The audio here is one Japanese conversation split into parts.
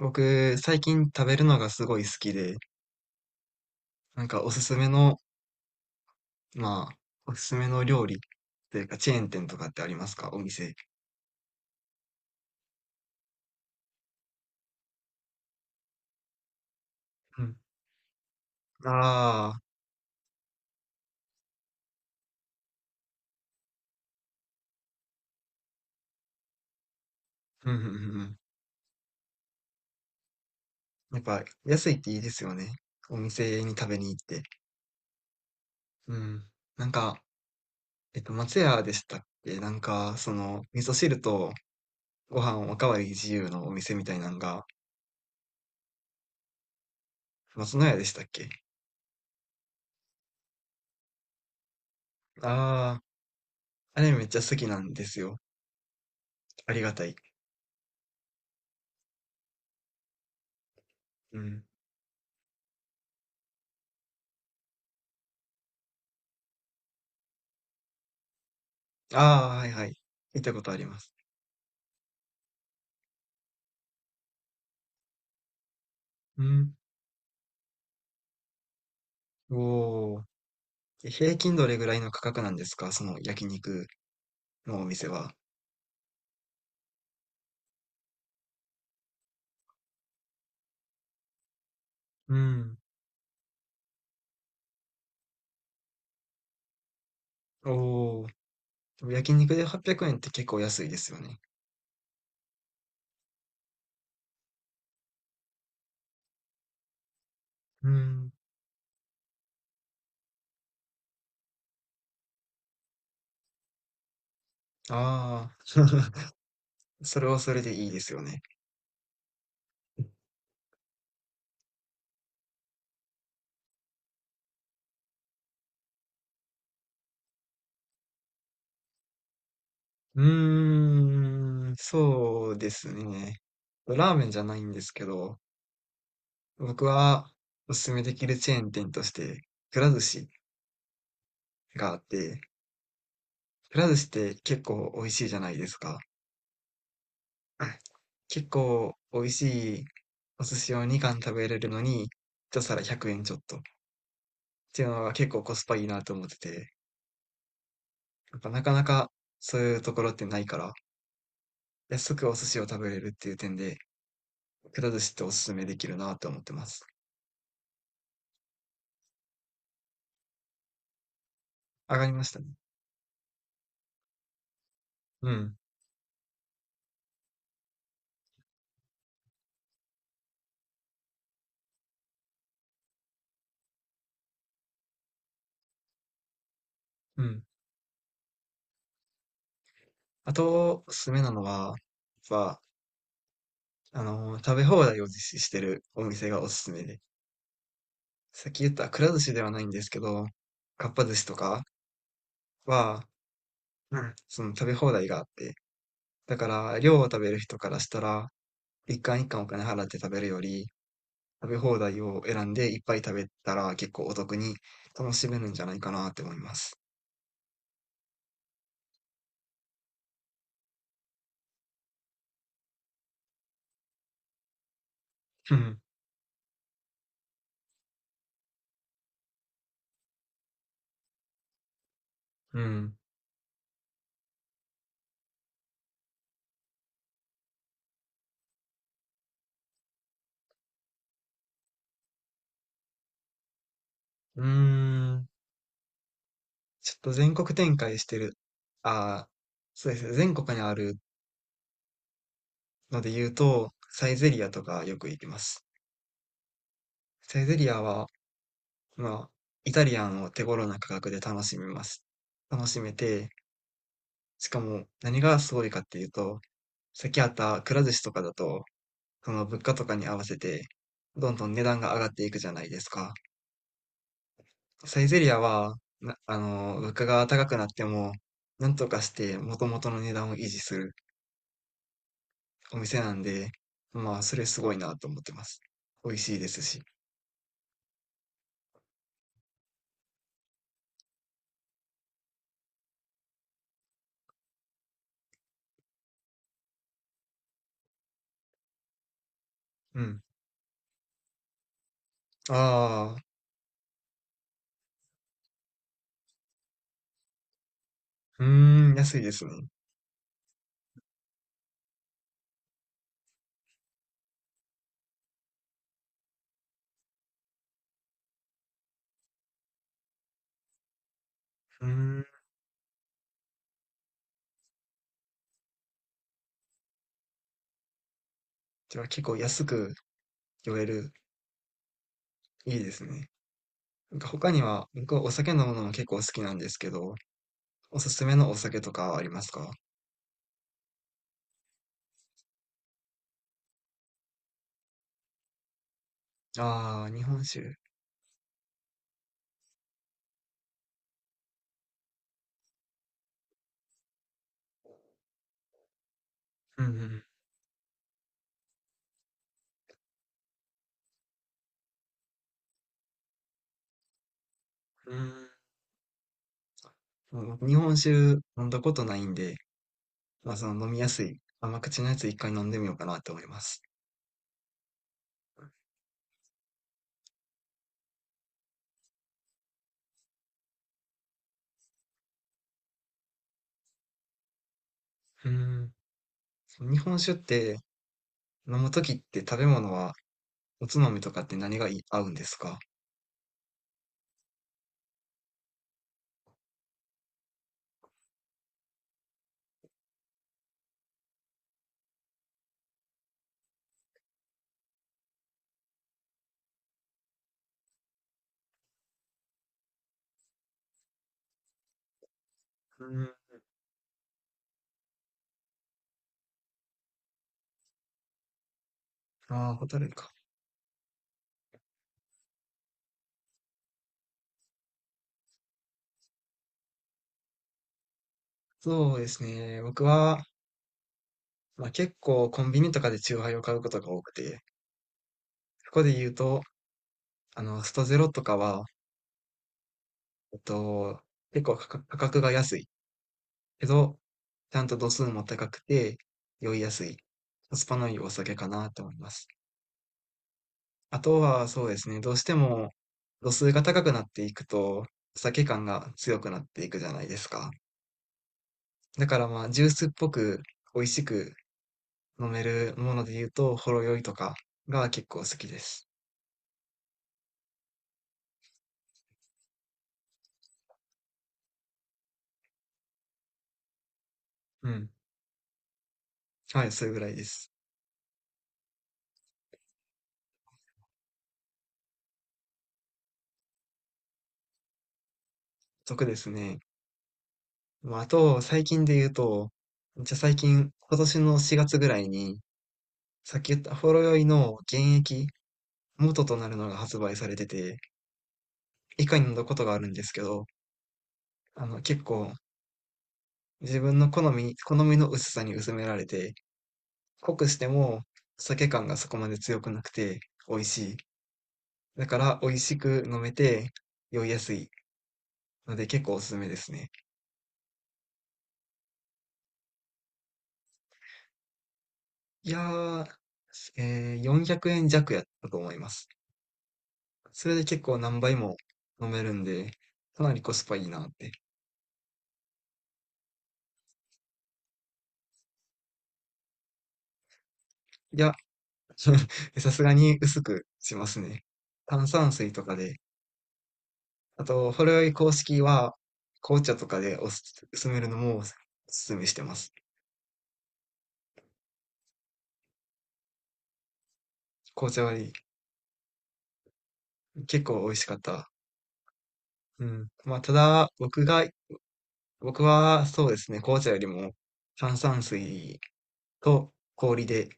僕、最近食べるのがすごい好きで、なんかまあ、おすすめの料理というか、チェーン店とかってありますか、お店？うん。ああ、うんうんうんうん。やっぱ、安いっていいですよね。お店に食べに行って。うん。なんか、松屋でしたっけ、なんか、味噌汁とご飯おかわり自由のお店みたいなのが、松の屋でしたっけ？ああー、あれめっちゃ好きなんですよ。ありがたい。うん。ああ、はいはい。見たことあります。うん。おお。え、平均どれぐらいの価格なんですか、その焼肉のお店は？うん。おお。でも焼肉で800円って結構安いですよね。うん。ああ、それはそれでいいですよね。うーん、そうですね。ラーメンじゃないんですけど、僕はおすすめできるチェーン店として、くら寿司があって、くら寿司って結構美味しいじゃないですか。あ、結構美味しいお寿司を2貫食べれるのに、一皿100円ちょっとっていうのが結構コスパいいなと思ってて、やっぱなかなかそういうところってないから、安くお寿司を食べれるっていう点で、くら寿司っておすすめできるなと思ってます。上がりましたね。うん、うん。あと、おすすめなのは、やっぱ、食べ放題を実施してるお店がおすすめで、さっき言ったくら寿司ではないんですけど、かっぱ寿司とかは、うん、その食べ放題があって、だから、量を食べる人からしたら、一貫一貫お金払って食べるより、食べ放題を選んでいっぱい食べたら結構お得に楽しめるんじゃないかなって思います。うん。うん。うーん。ちょっと全国展開してる。ああ、そうですね。全国にあるので言うと、サイゼリアとかよく行きます。サイゼリアは、まあ、イタリアンを手頃な価格で楽しめて、しかも何がすごいかっていうと、さっきあったくら寿司とかだと、その物価とかに合わせて、どんどん値段が上がっていくじゃないですか。サイゼリアは、な、あの、物価が高くなっても、なんとかして元々の値段を維持するお店なんで、まあ、それすごいなと思ってます。美味しいですし。うん。ああ、うーん、安いですね。うーん。じゃあ結構安く酔える。いいですね。なんか他には、僕はお酒飲むのも結構好きなんですけど、おすすめのお酒とかはありますか？ああー、日本酒。うんうん。うーん、その日本酒飲んだことないんで、まあ、その飲みやすい甘口のやつ一回飲んでみようかなって思います。うん。その日本酒って飲むときって食べ物はおつまみとかって何がい合うんですか？うん。ああ、ホタルイカ。そうですね。僕は、まあ、結構コンビニとかでチューハイを買うことが多くて、そこで言うと、ストゼロとかは、えっと、結構価格が安いけど、ちゃんと度数も高くて、酔いやすい、コスパのいいお酒かなと思います。あとは、そうですね、どうしても度数が高くなっていくと、お酒感が強くなっていくじゃないですか。だからまあ、ジュースっぽく美味しく飲めるもので言うと、ほろ酔いとかが結構好きです。うん。はい、それぐらいです。得ですね。まあ、あと、最近で言うと、じゃあ最近、今年の4月ぐらいに、さっき言ったほろ酔いの原液元となるのが発売されてて、以下に載ることがあるんですけど、結構自分の好みの薄さに薄められて、濃くしても酒感がそこまで強くなくて美味しい。だから美味しく飲めて酔いやすいので結構おすすめですね。いやー、400円弱やったと思います。それで結構何倍も飲めるんで、かなりコスパいいなって。いや、さすがに薄くしますね。炭酸水とかで、あと、ほろ酔い公式は、紅茶とかでおすすめるのもおすすめしてます。紅茶は結構美味しかった。うん。まあ、ただ、僕はそうですね、紅茶よりも炭酸水と氷で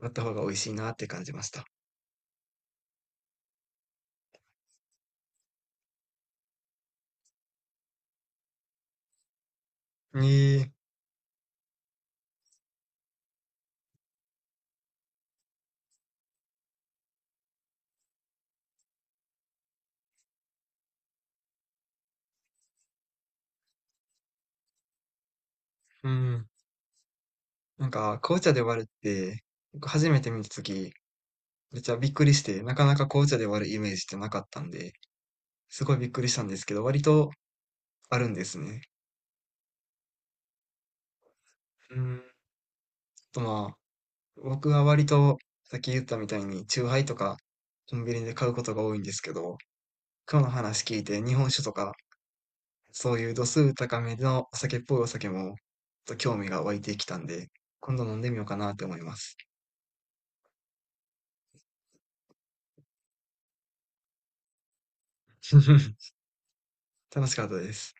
割った方が美味しいなって感じました。ええ、うん。なんか、紅茶で割るって、僕初めて見たとき、めっちゃびっくりして、なかなか紅茶で割るイメージってなかったんで、すごいびっくりしたんですけど、割とあるんですね。うん。あとまあ、僕は割と、さっき言ったみたいに、チューハイとか、コンビニで買うことが多いんですけど、今日の話聞いて、日本酒とか、そういう度数高めのお酒っぽいお酒も、ちょっと興味が湧いてきたんで、今度飲んでみようかなって思います。楽しかったです。